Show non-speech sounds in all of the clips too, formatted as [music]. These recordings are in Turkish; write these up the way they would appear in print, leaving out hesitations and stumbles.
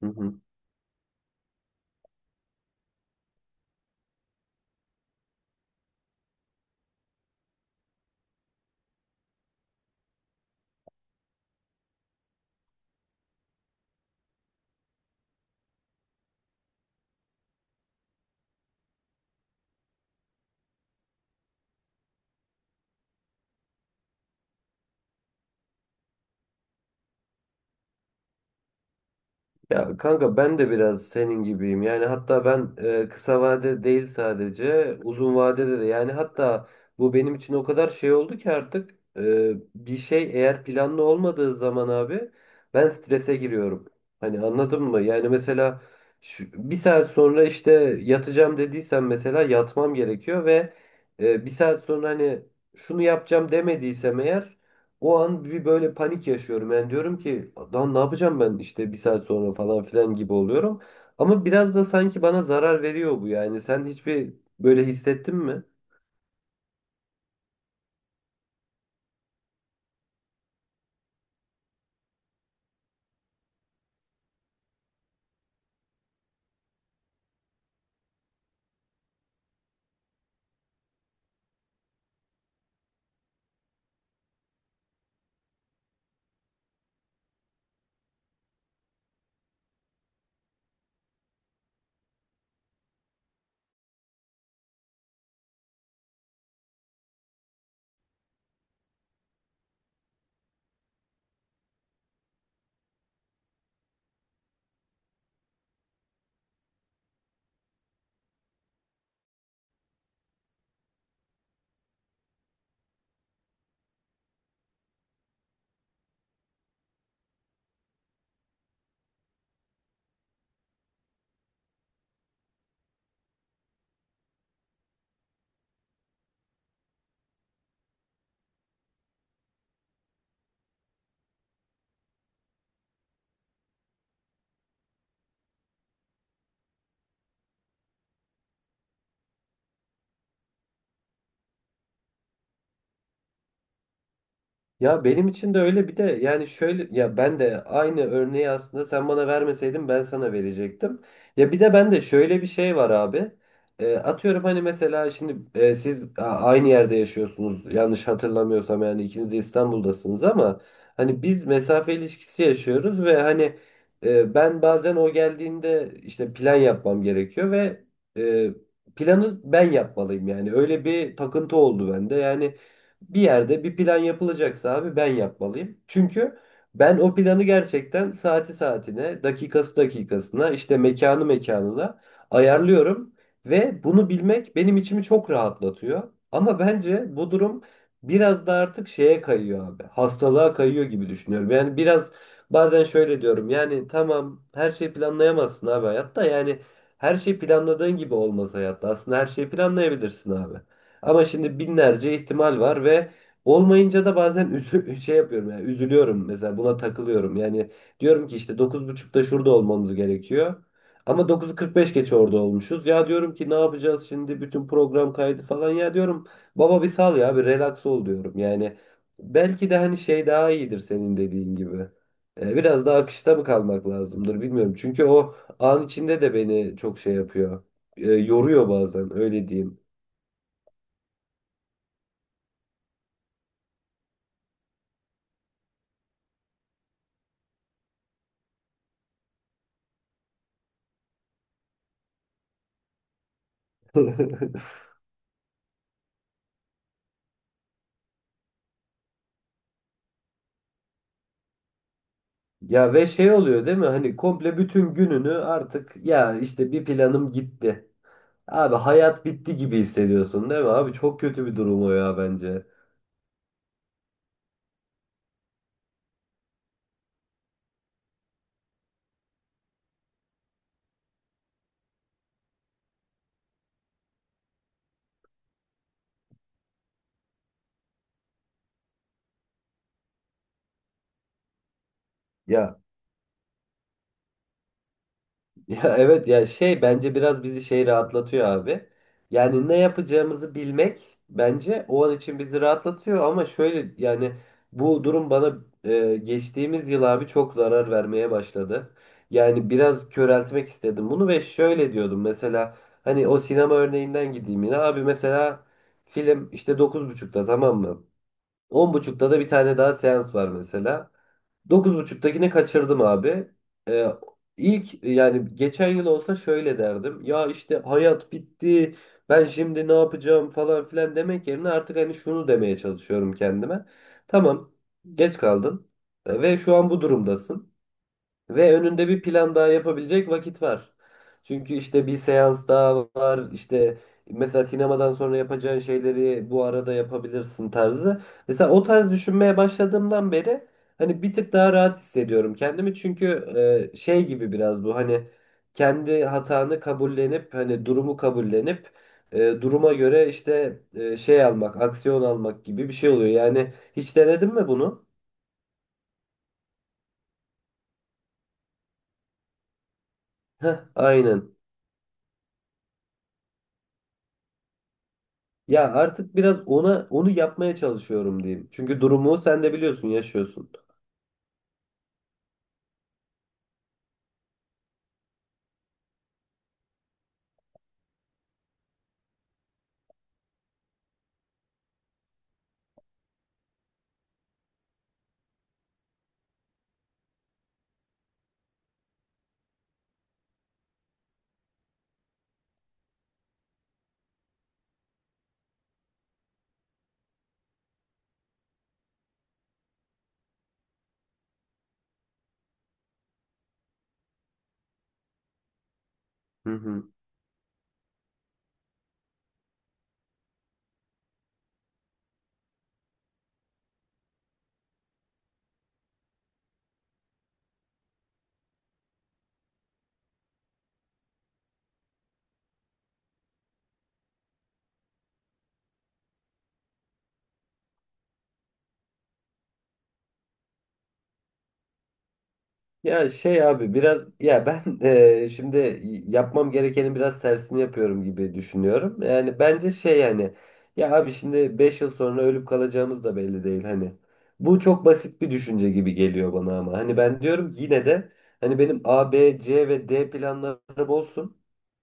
Hı hı. Ya kanka ben de biraz senin gibiyim. Yani hatta ben kısa vade değil sadece uzun vadede de yani hatta bu benim için o kadar şey oldu ki artık bir şey eğer planlı olmadığı zaman abi ben strese giriyorum. Hani anladın mı? Yani mesela şu, bir saat sonra işte yatacağım dediysem mesela yatmam gerekiyor ve bir saat sonra hani şunu yapacağım demediysem eğer o an bir böyle panik yaşıyorum. Yani diyorum ki lan ne yapacağım ben işte bir saat sonra falan filan gibi oluyorum. Ama biraz da sanki bana zarar veriyor bu yani. Sen hiçbir böyle hissettin mi? Ya benim için de öyle bir de yani şöyle ya ben de aynı örneği aslında sen bana vermeseydin ben sana verecektim. Ya bir de ben de şöyle bir şey var abi. Atıyorum hani mesela şimdi siz aynı yerde yaşıyorsunuz yanlış hatırlamıyorsam yani ikiniz de İstanbul'dasınız ama hani biz mesafe ilişkisi yaşıyoruz ve hani ben bazen o geldiğinde işte plan yapmam gerekiyor ve e, planı ben yapmalıyım yani öyle bir takıntı oldu bende yani. Bir yerde bir plan yapılacaksa abi ben yapmalıyım. Çünkü ben o planı gerçekten saati saatine, dakikası dakikasına, işte mekanı mekanına ayarlıyorum ve bunu bilmek benim içimi çok rahatlatıyor. Ama bence bu durum biraz da artık şeye kayıyor abi. Hastalığa kayıyor gibi düşünüyorum. Yani biraz bazen şöyle diyorum. Yani tamam her şeyi planlayamazsın abi hayatta. Yani her şey planladığın gibi olmaz hayatta. Aslında her şeyi planlayabilirsin abi. Ama şimdi binlerce ihtimal var ve olmayınca da bazen [laughs] şey yapıyorum yani üzülüyorum mesela buna takılıyorum. Yani diyorum ki işte 9.30'da şurada olmamız gerekiyor. Ama 9.45 geç orada olmuşuz. Ya diyorum ki ne yapacağız şimdi bütün program kaydı falan ya diyorum baba bir sal ya bir relax ol diyorum. Yani belki de hani şey daha iyidir senin dediğin gibi. Biraz daha akışta mı kalmak lazımdır bilmiyorum. Çünkü o an içinde de beni çok şey yapıyor. Yoruyor bazen öyle diyeyim. [laughs] Ya ve şey oluyor değil mi? Hani komple bütün gününü artık ya işte bir planım gitti. Abi hayat bitti gibi hissediyorsun değil mi? Abi çok kötü bir durum o ya bence. Ya. Ya evet ya şey bence biraz bizi şey rahatlatıyor abi. Yani ne yapacağımızı bilmek bence o an için bizi rahatlatıyor ama şöyle yani bu durum bana geçtiğimiz yıl abi çok zarar vermeye başladı. Yani biraz köreltmek istedim bunu ve şöyle diyordum mesela hani o sinema örneğinden gideyim yine abi mesela film işte 9.30'da tamam mı? 10.30'da da bir tane daha seans var mesela. 9.30'dakini kaçırdım abi. Ee, ilk yani geçen yıl olsa şöyle derdim. Ya işte hayat bitti. Ben şimdi ne yapacağım falan filan demek yerine artık hani şunu demeye çalışıyorum kendime. Tamam, geç kaldın ve şu an bu durumdasın. Ve önünde bir plan daha yapabilecek vakit var. Çünkü işte bir seans daha var. İşte mesela sinemadan sonra yapacağın şeyleri bu arada yapabilirsin tarzı. Mesela o tarz düşünmeye başladığımdan beri hani bir tık daha rahat hissediyorum kendimi. Çünkü şey gibi biraz bu hani kendi hatanı kabullenip hani durumu kabullenip duruma göre işte şey almak, aksiyon almak gibi bir şey oluyor. Yani hiç denedin mi bunu? Heh, aynen. Ya artık biraz onu yapmaya çalışıyorum diyeyim. Çünkü durumu sen de biliyorsun, yaşıyorsun. Hı hı. Ya şey abi biraz ya ben şimdi yapmam gerekenin biraz tersini yapıyorum gibi düşünüyorum. Yani bence şey yani ya abi şimdi 5 yıl sonra ölüp kalacağımız da belli değil hani. Bu çok basit bir düşünce gibi geliyor bana ama. Hani ben diyorum ki yine de hani benim A, B, C ve D planlarım olsun.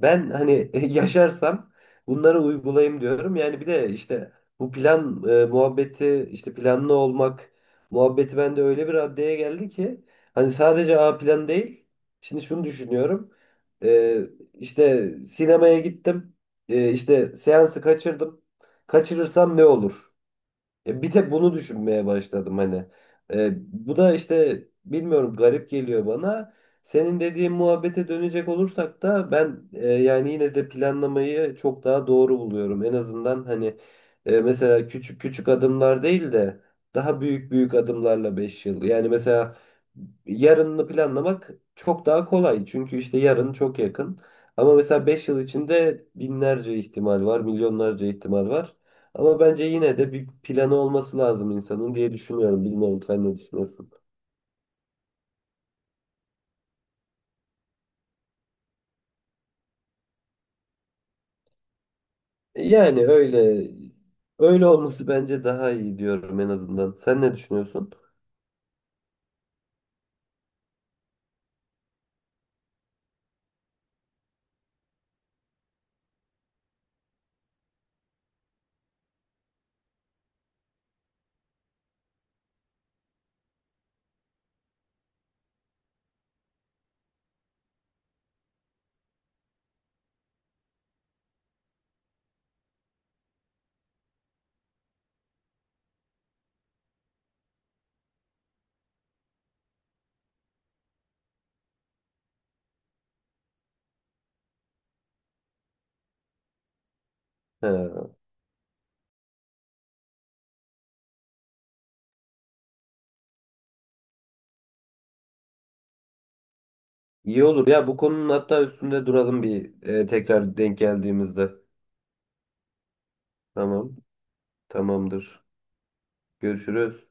Ben hani [laughs] yaşarsam bunları uygulayayım diyorum. Yani bir de işte bu plan muhabbeti işte planlı olmak muhabbeti bende öyle bir raddeye geldi ki hani sadece A plan değil. Şimdi şunu düşünüyorum. Ee, işte sinemaya gittim. İşte seansı kaçırdım. Kaçırırsam ne olur? Bir tek bunu düşünmeye başladım hani. E, bu da işte bilmiyorum garip geliyor bana. Senin dediğin muhabbete dönecek olursak da ben yani yine de planlamayı çok daha doğru buluyorum. En azından hani mesela küçük küçük adımlar değil de daha büyük büyük adımlarla 5 yıl. Yani mesela yarınını planlamak çok daha kolay. Çünkü işte yarın çok yakın. Ama mesela 5 yıl içinde binlerce ihtimal var, milyonlarca ihtimal var. Ama bence yine de bir planı olması lazım insanın diye düşünüyorum. Bilmiyorum sen ne düşünüyorsun? Yani öyle olması bence daha iyi diyorum en azından. Sen ne düşünüyorsun? He, iyi olur. Ya bu konunun hatta üstünde duralım bir tekrar denk geldiğimizde. Tamam, tamamdır. Görüşürüz.